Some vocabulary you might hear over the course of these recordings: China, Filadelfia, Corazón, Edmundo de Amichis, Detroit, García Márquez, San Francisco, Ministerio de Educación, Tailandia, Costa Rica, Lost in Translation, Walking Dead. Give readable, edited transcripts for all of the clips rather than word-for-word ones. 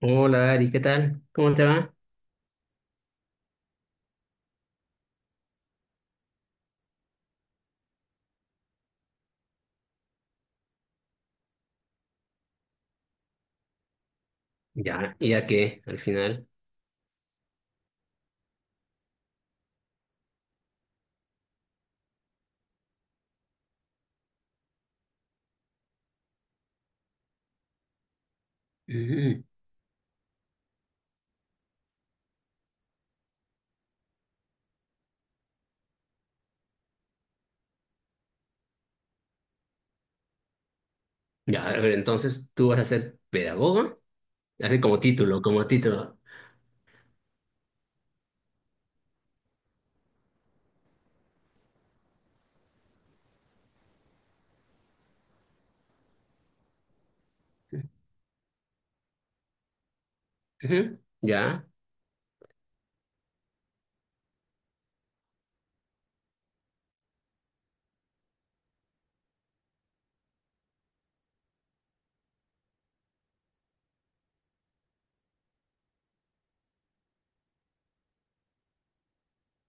Hola Ari, ¿qué tal? ¿Cómo te va? Ya, ¿y a qué al final? Ujú. Ya, a ver, entonces tú vas a ser pedagoga, así como título, como título. Ujú. Ya,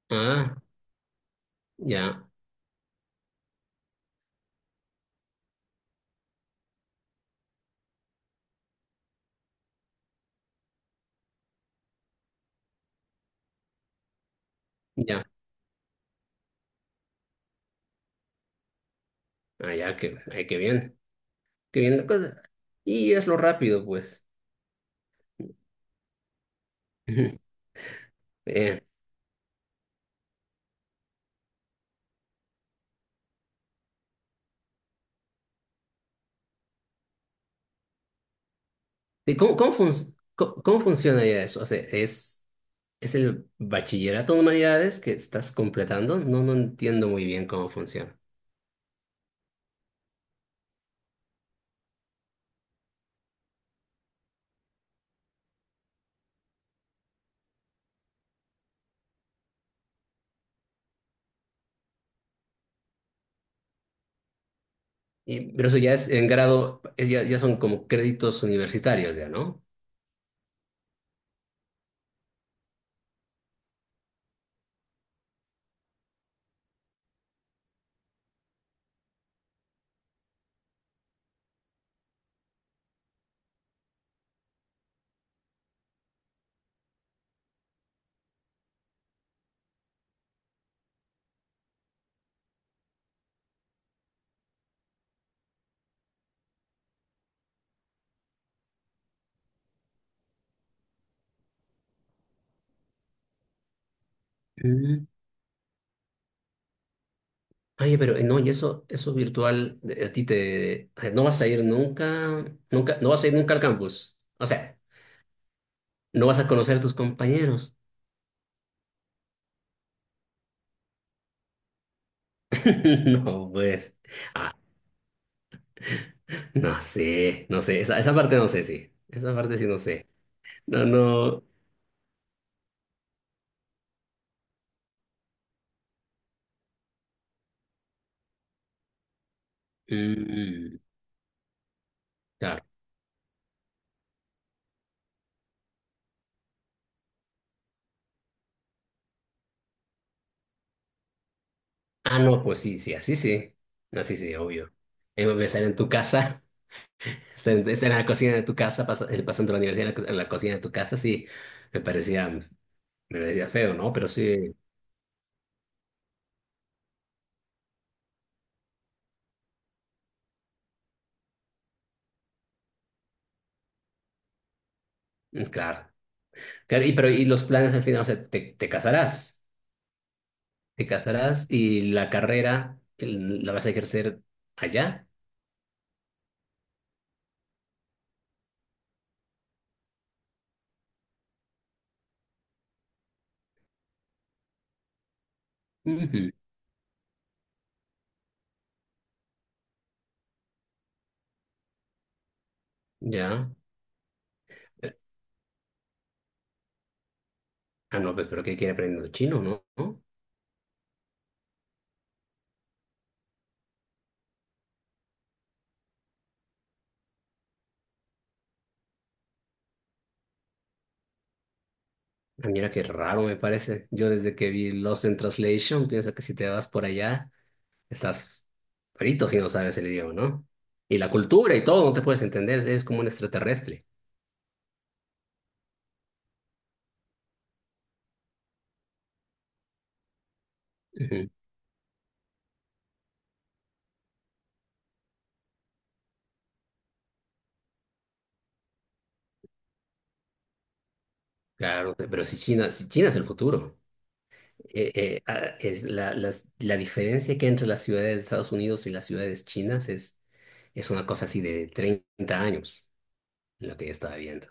ah, ya, ya, ah, ya, que, ay, qué bien la cosa. Y hazlo rápido, pues. Ujú. Bien. ¿Y cómo, cómo, cómo- cómo funciona ya eso? O sea, es el bachillerato de humanidades que estás completando? No, no entiendo muy bien cómo funciona. Y, pero eso ya es en grado, es ya, ya son como créditos universitarios ya, ¿no? Mm. Oye, pero no, y eso virtual, a ti te, o sea, no vas a ir nunca, nunca, no vas a ir nunca al campus. O sea, no vas a conocer a tus compañeros. No, pues, ah, no sé, no sé, esa parte no sé, sí, esa parte sí no sé. No, no, mm, claro. Ah, no, pues sí, sí, así sí, así sí, obvio. Voy a estar en tu casa. Está en, está en la cocina de tu casa, pasando la universidad en la, en la cocina de tu casa, sí, me parecía feo, ¿no? Pero sí, mm, claro. Claro, y, pero, y los planes al final, o sea, te, te casarás y la carrera la vas a ejercer allá. Ujú. Ya. Eh, ah, no, pues, pero ¿qué quiere aprender chino, no? ¿No? Ah, mira qué raro me parece. Yo desde que vi Lost in Translation, pienso que si te vas por allá. Estás frito si no sabes el idioma, ¿no? Y la cultura y todo, no te puedes entender, eres como un extraterrestre. Ujú. Claro, pero si China, si China es el futuro, es la, la diferencia que hay entre las ciudades de Estados Unidos y las ciudades chinas es una cosa así de 30 años, lo que yo estaba viendo.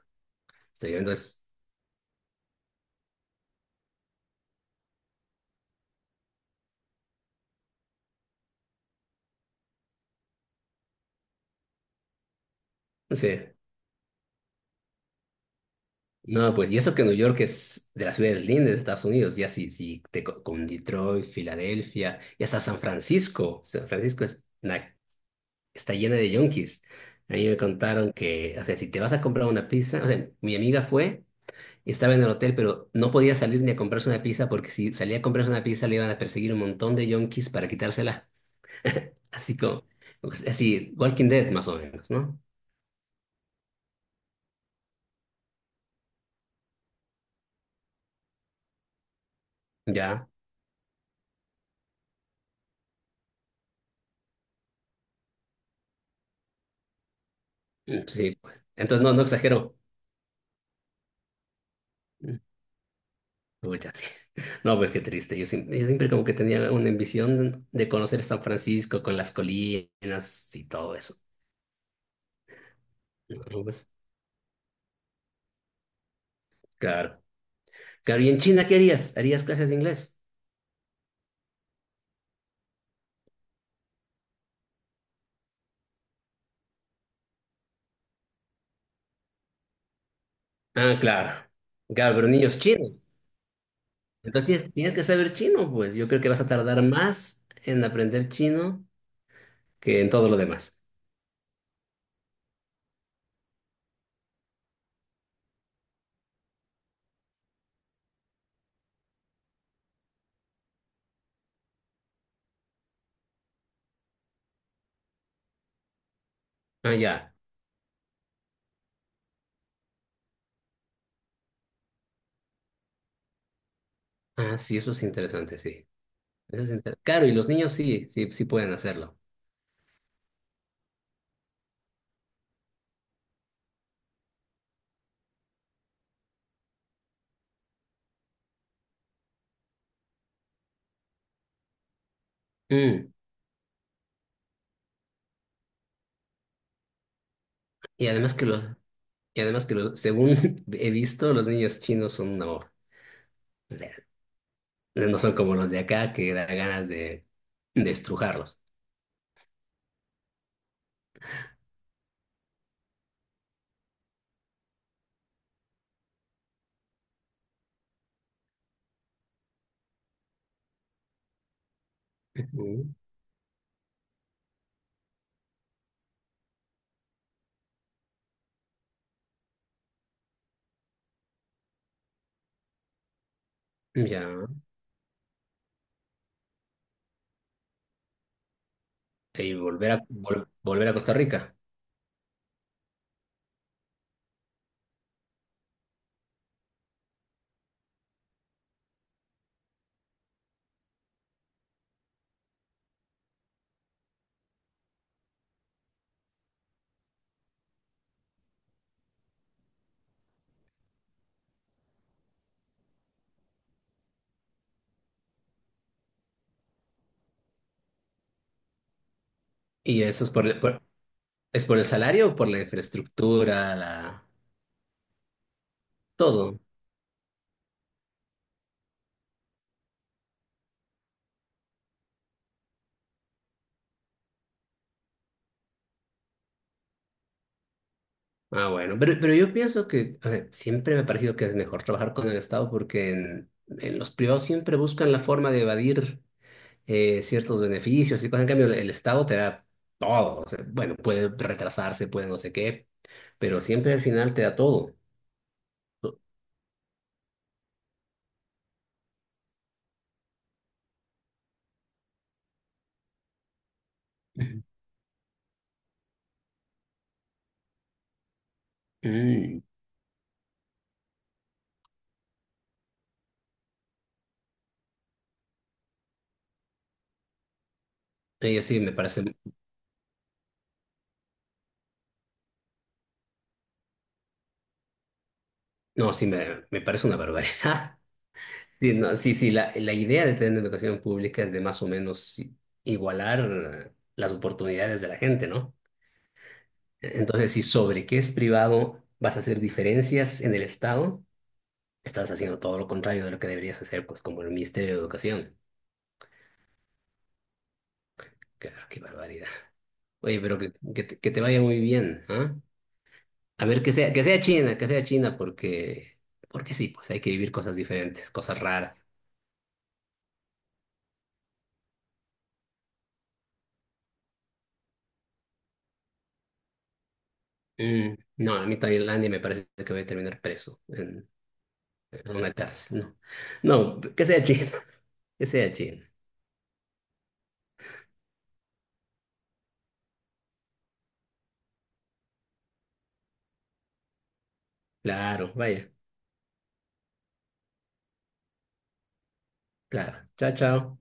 Estoy viendo es, no sé, no, pues, y eso que New York es de las ciudades lindas de Estados Unidos, ya si, si con Detroit, Filadelfia, y hasta San Francisco, San Francisco es una, está llena de yonkis. A mí me contaron que, o sea, si te vas a comprar una pizza, o sea, mi amiga fue, estaba en el hotel, pero no podía salir ni a comprarse una pizza porque si salía a comprarse una pizza le iban a perseguir un montón de yonkis para quitársela. Así como, pues, así, Walking Dead más o menos, ¿no? Ya, mm, sí, pues. Entonces, no, no exagero. Mm, pucha, sí. No, pues qué triste. Yo siempre como que tenía una ambición de conocer San Francisco con las colinas y todo eso. No, pues, claro. Claro, ¿y en China qué harías? ¿Harías clases de inglés? Ah, claro. Claro, pero niños chinos. Entonces tienes, tienes que saber chino, pues. Yo creo que vas a tardar más en aprender chino que en todo lo demás. Ah, ya. Ah, sí, eso es interesante, sí. Claro, y los niños sí, sí, sí pueden hacerlo. Mm, y además que lo, y además que lo, según he visto, los niños chinos son un amor. O sea, no son como los de acá que da ganas de estrujarlos. Ujú. Ya. Y volver a, volver a Costa Rica. ¿Y eso es por, es por el salario o por la infraestructura, la, todo? Ah, bueno, pero yo pienso que, a ver, siempre me ha parecido que es mejor trabajar con el Estado porque en los privados siempre buscan la forma de evadir ciertos beneficios y cosas. En cambio, el Estado te da todo. O sea, bueno, puede retrasarse, puede no sé qué, pero siempre al final te da todo. Mm. Y así me parece, no, sí me parece una barbaridad. Sí, no, sí, sí, la idea de tener educación pública es de más o menos igualar las oportunidades de la gente, ¿no? Entonces, si sobre qué es privado vas a hacer diferencias en el Estado, estás haciendo todo lo contrario de lo que deberías hacer, pues como el Ministerio de Educación. Claro, qué barbaridad. Oye, pero que te vaya muy bien, ¿ah? A ver, que sea China, porque, porque sí, pues hay que vivir cosas diferentes, cosas raras. Mm, no, a mí Tailandia me parece que voy a terminar preso. Una cárcel, no. No, que sea China, que sea China. Claro, vaya, claro. Chao, chao.